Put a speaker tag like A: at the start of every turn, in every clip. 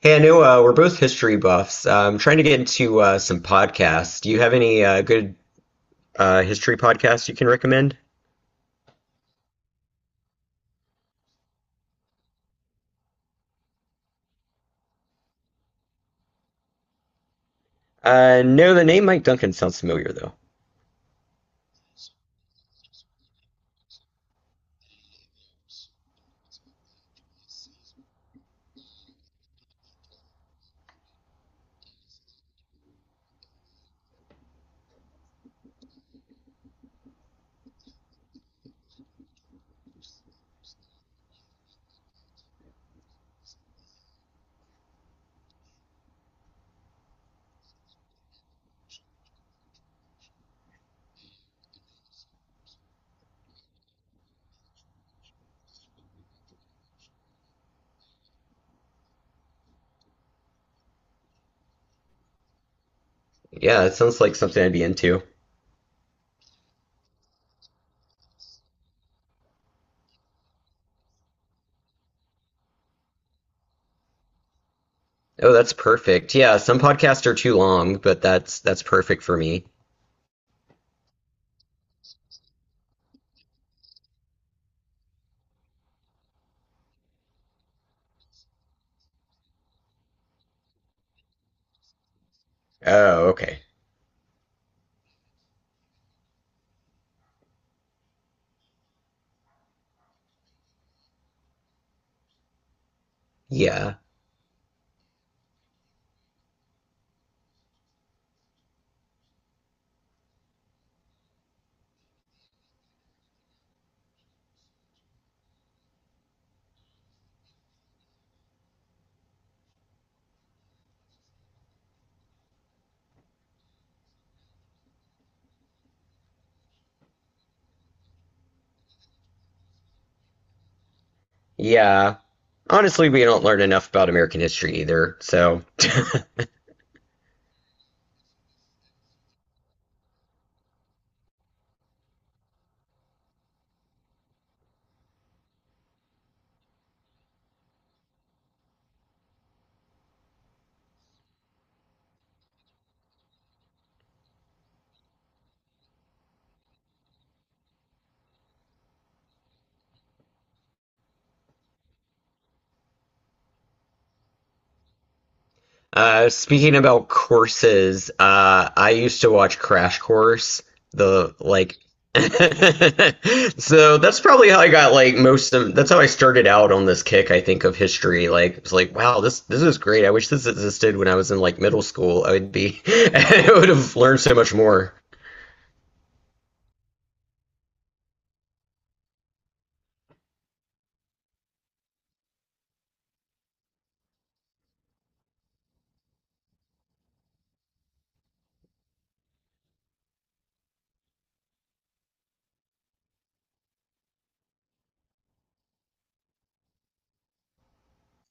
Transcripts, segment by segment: A: Hey, I know we're both history buffs. I'm trying to get into some podcasts. Do you have any good history podcasts you can recommend? No, the name Mike Duncan sounds familiar, though. Yeah, it sounds like something I'd be into. Oh, that's perfect. Yeah, some podcasts are too long, but that's perfect for me. Oh, okay. Yeah. Yeah. Honestly, we don't learn enough about American history either, so… Speaking about courses, I used to watch Crash Course, the like so that's probably how I got like most of… that's how I started out on this kick, I think, of history. Like it's like, wow, this is great. I wish this existed when I was in like middle school. I would be I would have learned so much more.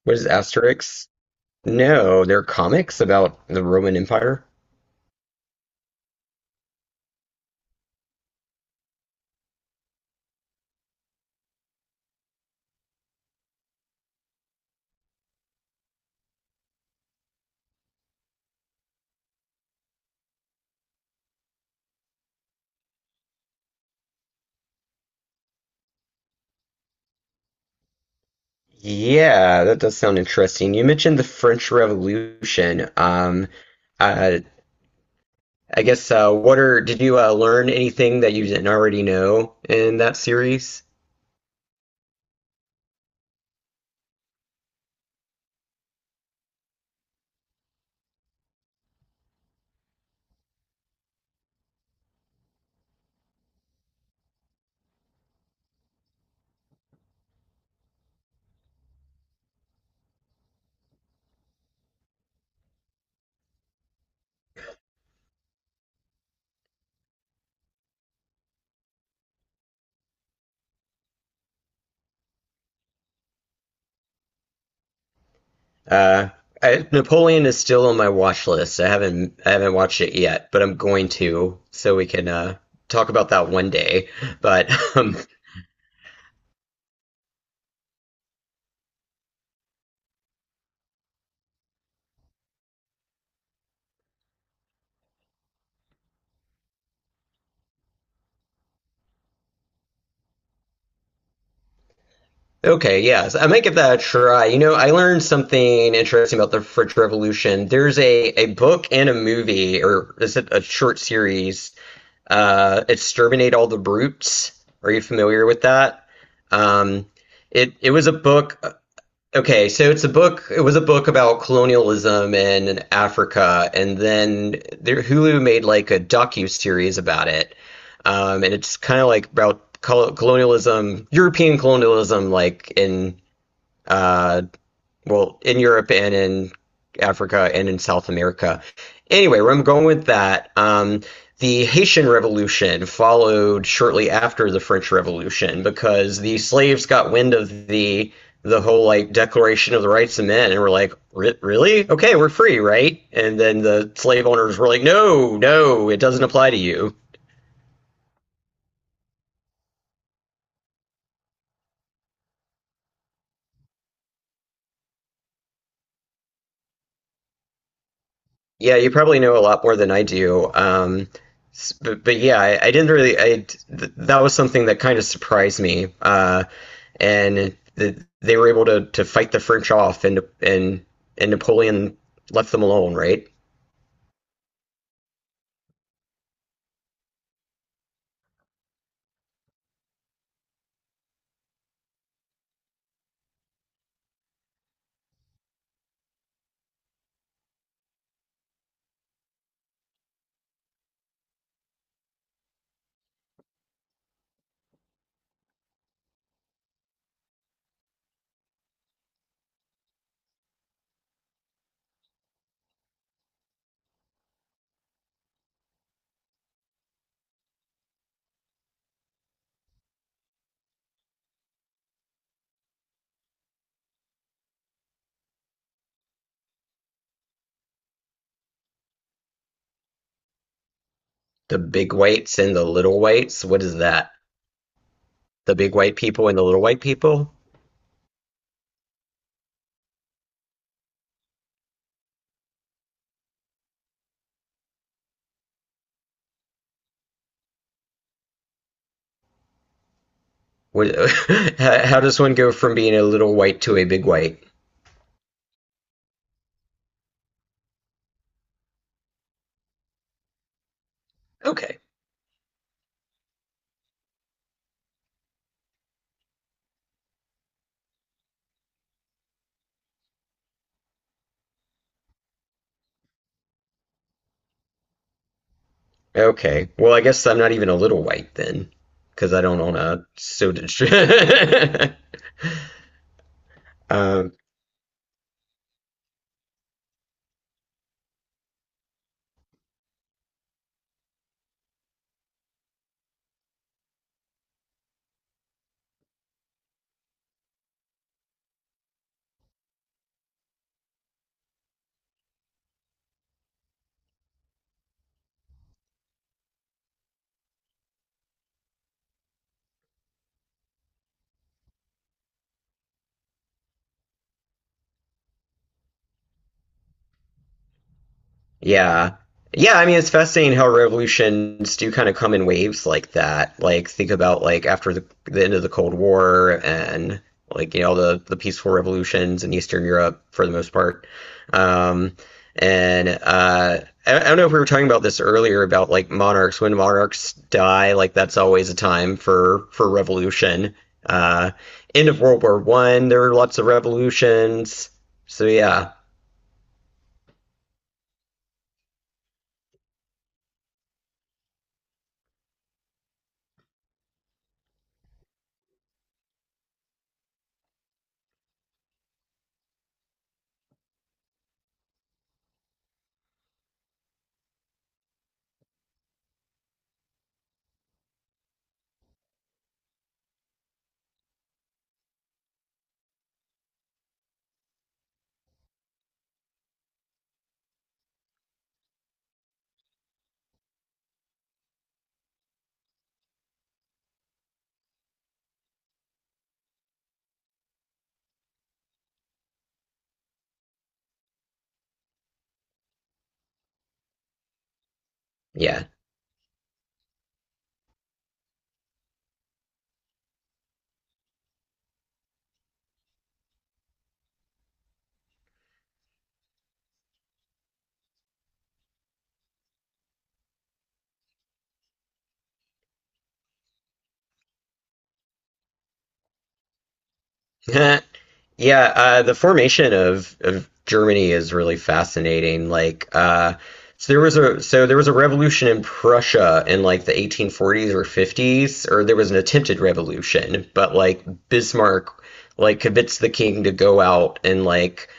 A: What is Asterix? No, they're comics about the Roman Empire. Yeah, that does sound interesting. You mentioned the French Revolution. Uh, I guess what are… did you learn anything that you didn't already know in that series? Uh, Napoleon is still on my watch list. I haven't watched it yet, but I'm going to, so we can talk about that one day. But um, okay, yes, I might give that a try. You know, I learned something interesting about the French Revolution. There's a book and a movie, or is it a short series? Exterminate All the Brutes. Are you familiar with that? Um, it it was a book. Okay, so it's a book. It was a book about colonialism in Africa, and then there, Hulu made like a docu series about it, and it's kind of like about colonialism, European colonialism, like in uh, well, in Europe and in Africa and in South America. Anyway, where I'm going with that, the Haitian Revolution followed shortly after the French Revolution because the slaves got wind of the whole like Declaration of the Rights of Men and were like, really? Okay, we're free, right? And then the slave owners were like, no, no, it doesn't apply to you. Yeah, you probably know a lot more than I do. But yeah, I didn't really. I d th That was something that kind of surprised me. And the, they were able to fight the French off, and and Napoleon left them alone, right? The big whites and the little whites. What is that? The big white people and the little white people? What, how does one go from being a little white to a big white? Okay. Okay. Well, I guess I'm not even a little white then, because I don't own a soda stream. Yeah. Yeah, I mean, it's fascinating how revolutions do kind of come in waves like that. Like, think about like after the end of the Cold War and like, you know, the peaceful revolutions in Eastern Europe for the most part. Um, and I don't know if we were talking about this earlier about like monarchs. When monarchs die, like that's always a time for revolution. Uh, End of World War I, there were lots of revolutions. So yeah, yeah. Yeah, the formation of Germany is really fascinating. Like, so there was a revolution in Prussia in like the 1840s or 50s, or there was an attempted revolution, but like Bismarck like convinced the king to go out and like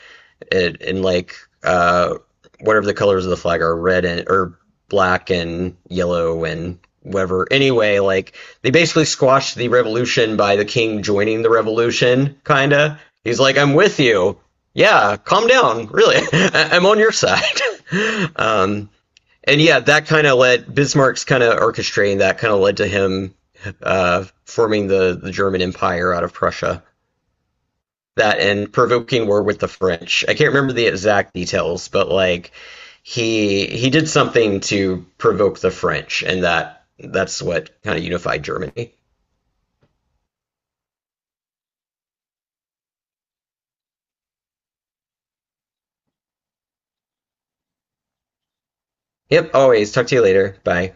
A: and, and like uh, whatever the colors of the flag are, red and… or black and yellow and whatever. Anyway, like they basically squashed the revolution by the king joining the revolution, kinda. He's like, I'm with you. Yeah, calm down. Really, I'm on your side. um, and yeah, that kind of led… Bismarck's kind of orchestrating that kind of led to him forming the German Empire out of Prussia, that, and provoking war with the French. I can't remember the exact details, but like he did something to provoke the French, and that's what kind of unified Germany. Yep, always. Talk to you later. Bye.